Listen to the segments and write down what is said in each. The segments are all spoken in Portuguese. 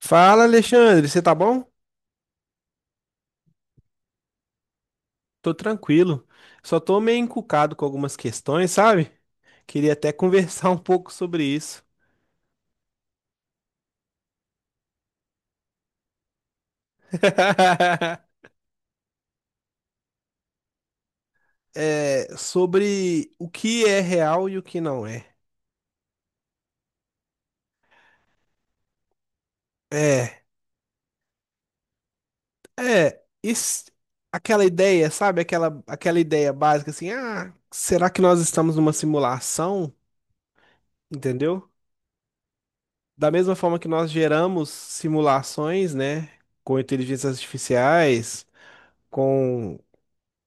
Fala, Alexandre, você tá bom? Tô tranquilo. Só tô meio encucado com algumas questões, sabe? Queria até conversar um pouco sobre isso. É, sobre o que é real e o que não é. É, é, isso, aquela ideia, sabe? Aquela ideia básica assim, ah, será que nós estamos numa simulação? Entendeu? Da mesma forma que nós geramos simulações, né? Com inteligências artificiais, com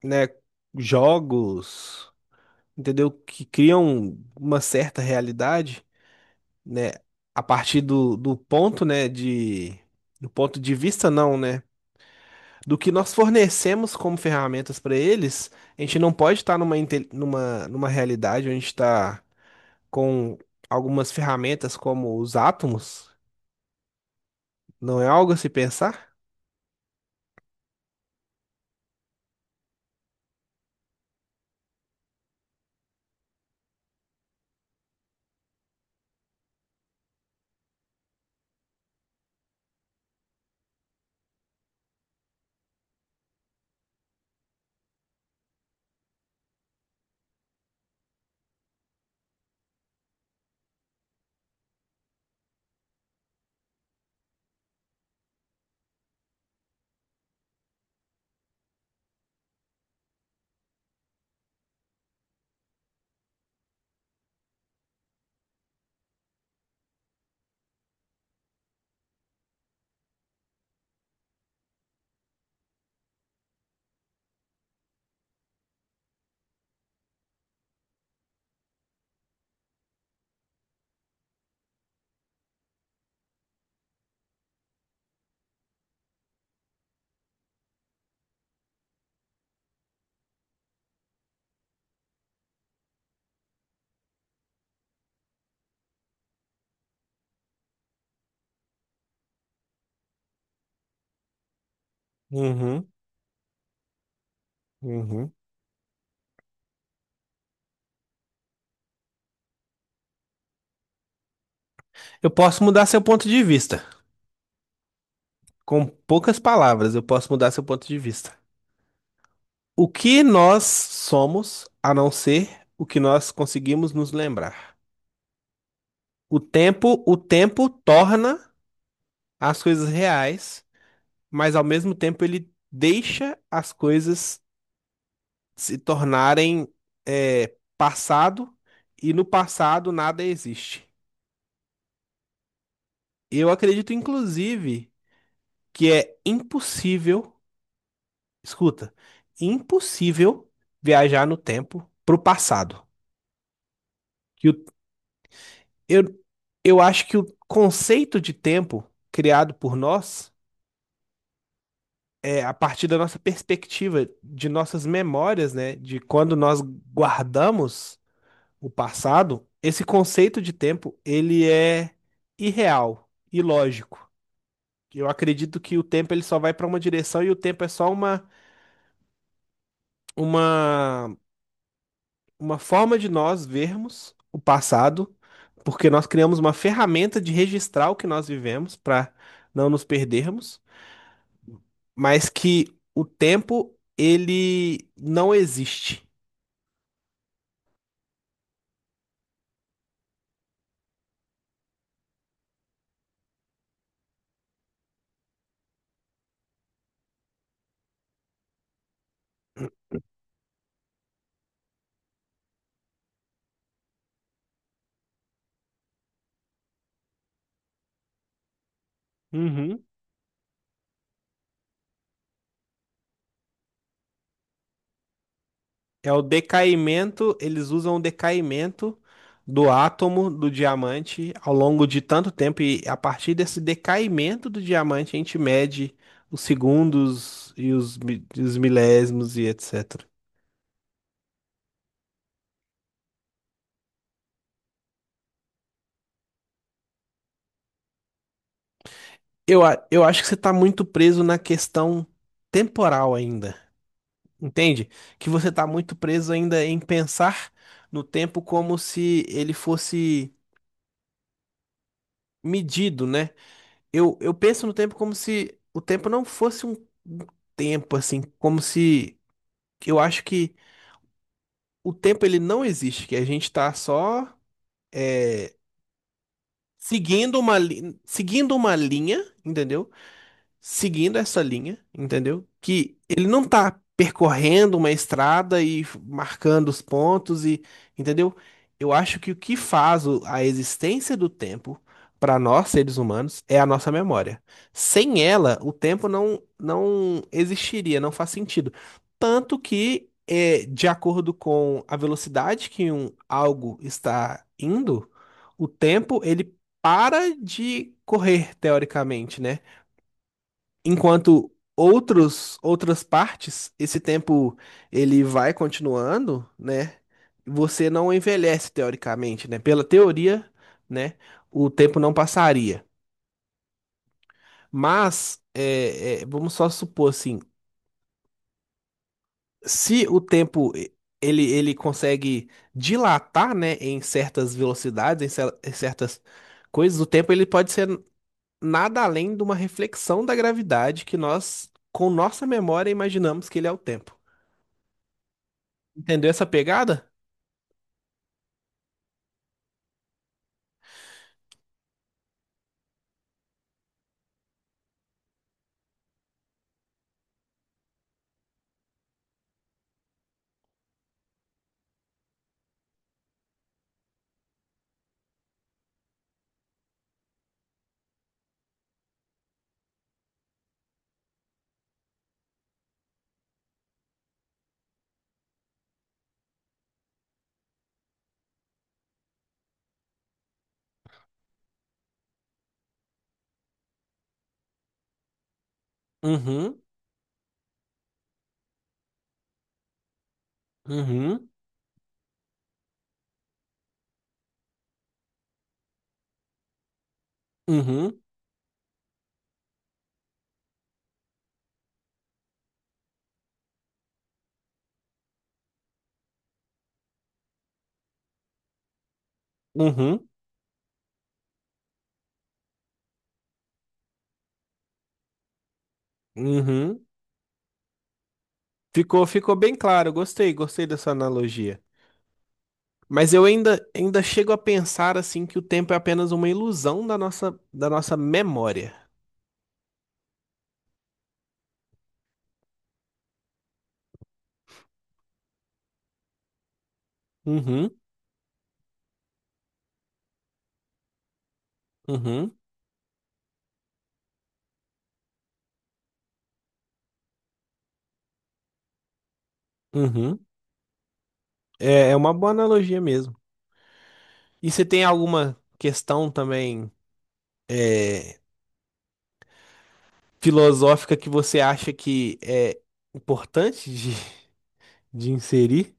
né, jogos, entendeu? Que criam uma certa realidade, né, a partir do ponto, né, de, do ponto de vista não, né, do que nós fornecemos como ferramentas para eles, a gente não pode estar numa realidade onde a gente está com algumas ferramentas como os átomos, não é algo a se pensar? Uhum, uhum. Eu posso mudar seu ponto de vista. Com poucas palavras, eu posso mudar seu ponto de vista. O que nós somos a não ser o que nós conseguimos nos lembrar? O tempo torna as coisas reais, mas ao mesmo tempo ele deixa as coisas se tornarem passado e no passado nada existe. Eu acredito, inclusive, que é impossível, escuta, impossível viajar no tempo para o passado. Que o Eu, eu acho que o conceito de tempo criado por nós é a partir da nossa perspectiva, de nossas memórias, né? De quando nós guardamos o passado, esse conceito de tempo, ele é irreal, ilógico. Eu acredito que o tempo ele só vai para uma direção e o tempo é só uma, uma forma de nós vermos o passado, porque nós criamos uma ferramenta de registrar o que nós vivemos para não nos perdermos, mas que o tempo ele não existe. Uhum. É o decaimento, eles usam o decaimento do átomo do diamante ao longo de tanto tempo, e a partir desse decaimento do diamante a gente mede os segundos e os, mi- e os milésimos e etc. Eu acho que você está muito preso na questão temporal ainda, entende? Que você está muito preso ainda em pensar no tempo como se ele fosse medido, né? Eu penso no tempo como se o tempo não fosse um tempo, assim, como se eu acho que o tempo ele não existe, que a gente tá só é, seguindo uma linha, entendeu? Seguindo essa linha, entendeu? Que ele não tá percorrendo uma estrada e marcando os pontos e, entendeu? Eu acho que o que faz a existência do tempo para nós seres humanos é a nossa memória. Sem ela, o tempo não existiria, não faz sentido. Tanto que é, de acordo com a velocidade que um algo está indo, o tempo ele para de correr teoricamente, né? Enquanto outros, outras partes, esse tempo ele vai continuando, né? Você não envelhece teoricamente, né? Pela teoria, né? O tempo não passaria. Mas vamos só supor assim, se o tempo e- ele consegue dilatar, né? Em certas velocidades, em, em certas coisas, o tempo ele pode ser nada além de uma reflexão da gravidade que nós, com nossa memória, imaginamos que ele é o tempo. Entendeu essa pegada? Uhum, uhum, uhum, uhum, uhum. Ficou bem claro, gostei dessa analogia. Mas eu ainda chego a pensar assim que o tempo é apenas uma ilusão da nossa memória. Uhum, uhum, uhum. É, é uma boa analogia mesmo. E você tem alguma questão também é, filosófica que você acha que é importante de inserir?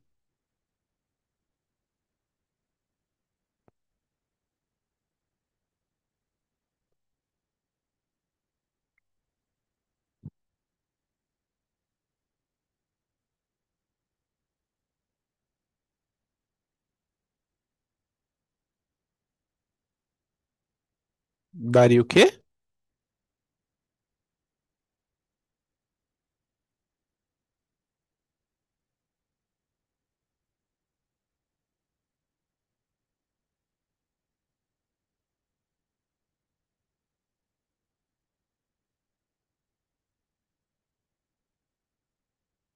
Daria o quê?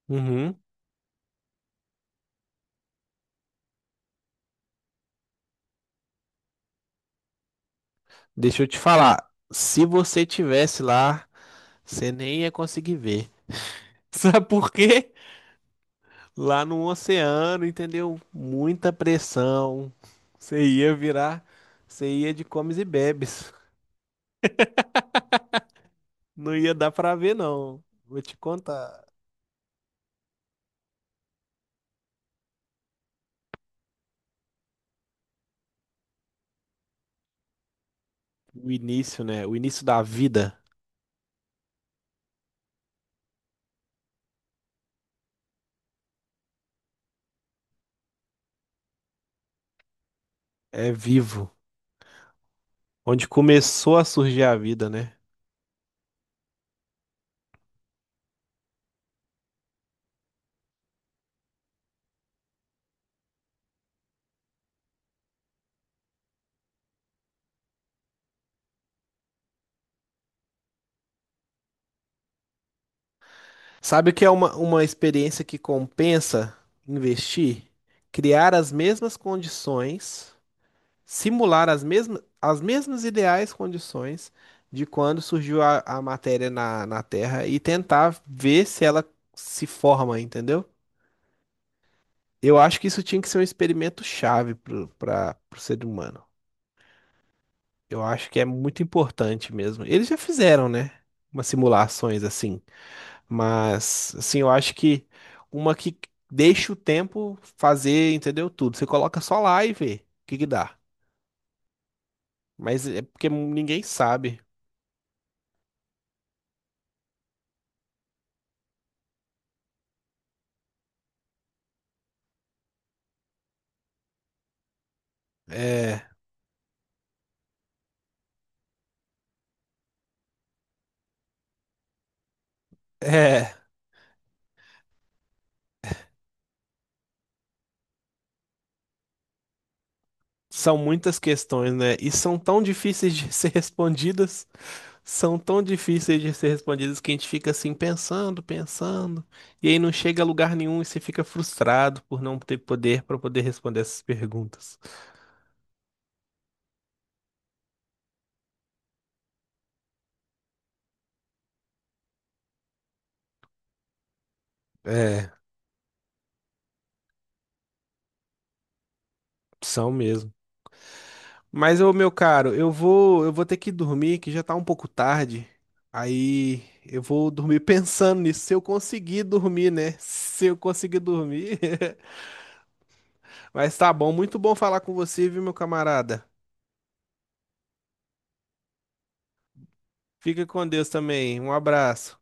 Uhum. Deixa eu te falar, se você tivesse lá, você nem ia conseguir ver. Sabe por quê? Lá no oceano, entendeu? Muita pressão. Você ia virar, você ia de comes e bebes. Não ia dar pra ver, não. Vou te contar. O início, né? O início da vida é vivo. Onde começou a surgir a vida, né? Sabe o que é uma experiência que compensa investir? Criar as mesmas condições, simular as mesmas ideais condições de quando surgiu a matéria na Terra e tentar ver se ela se forma, entendeu? Eu acho que isso tinha que ser um experimento chave para o ser humano. Eu acho que é muito importante mesmo. Eles já fizeram, né? Umas simulações assim. Mas, assim, eu acho que uma que deixa o tempo fazer, entendeu? Tudo. Você coloca só lá e vê o que que dá. Mas é porque ninguém sabe. É. É, são muitas questões, né? E são tão difíceis de ser respondidas, são tão difíceis de ser respondidas que a gente fica assim pensando, pensando, e aí não chega a lugar nenhum e você fica frustrado por não ter poder para poder responder essas perguntas. É, são mesmo. Mas ô meu caro, eu vou ter que dormir, que já tá um pouco tarde. Aí eu vou dormir pensando nisso, se eu conseguir dormir, né? Se eu conseguir dormir. Mas tá bom, muito bom falar com você, viu, meu camarada? Fica com Deus também. Um abraço.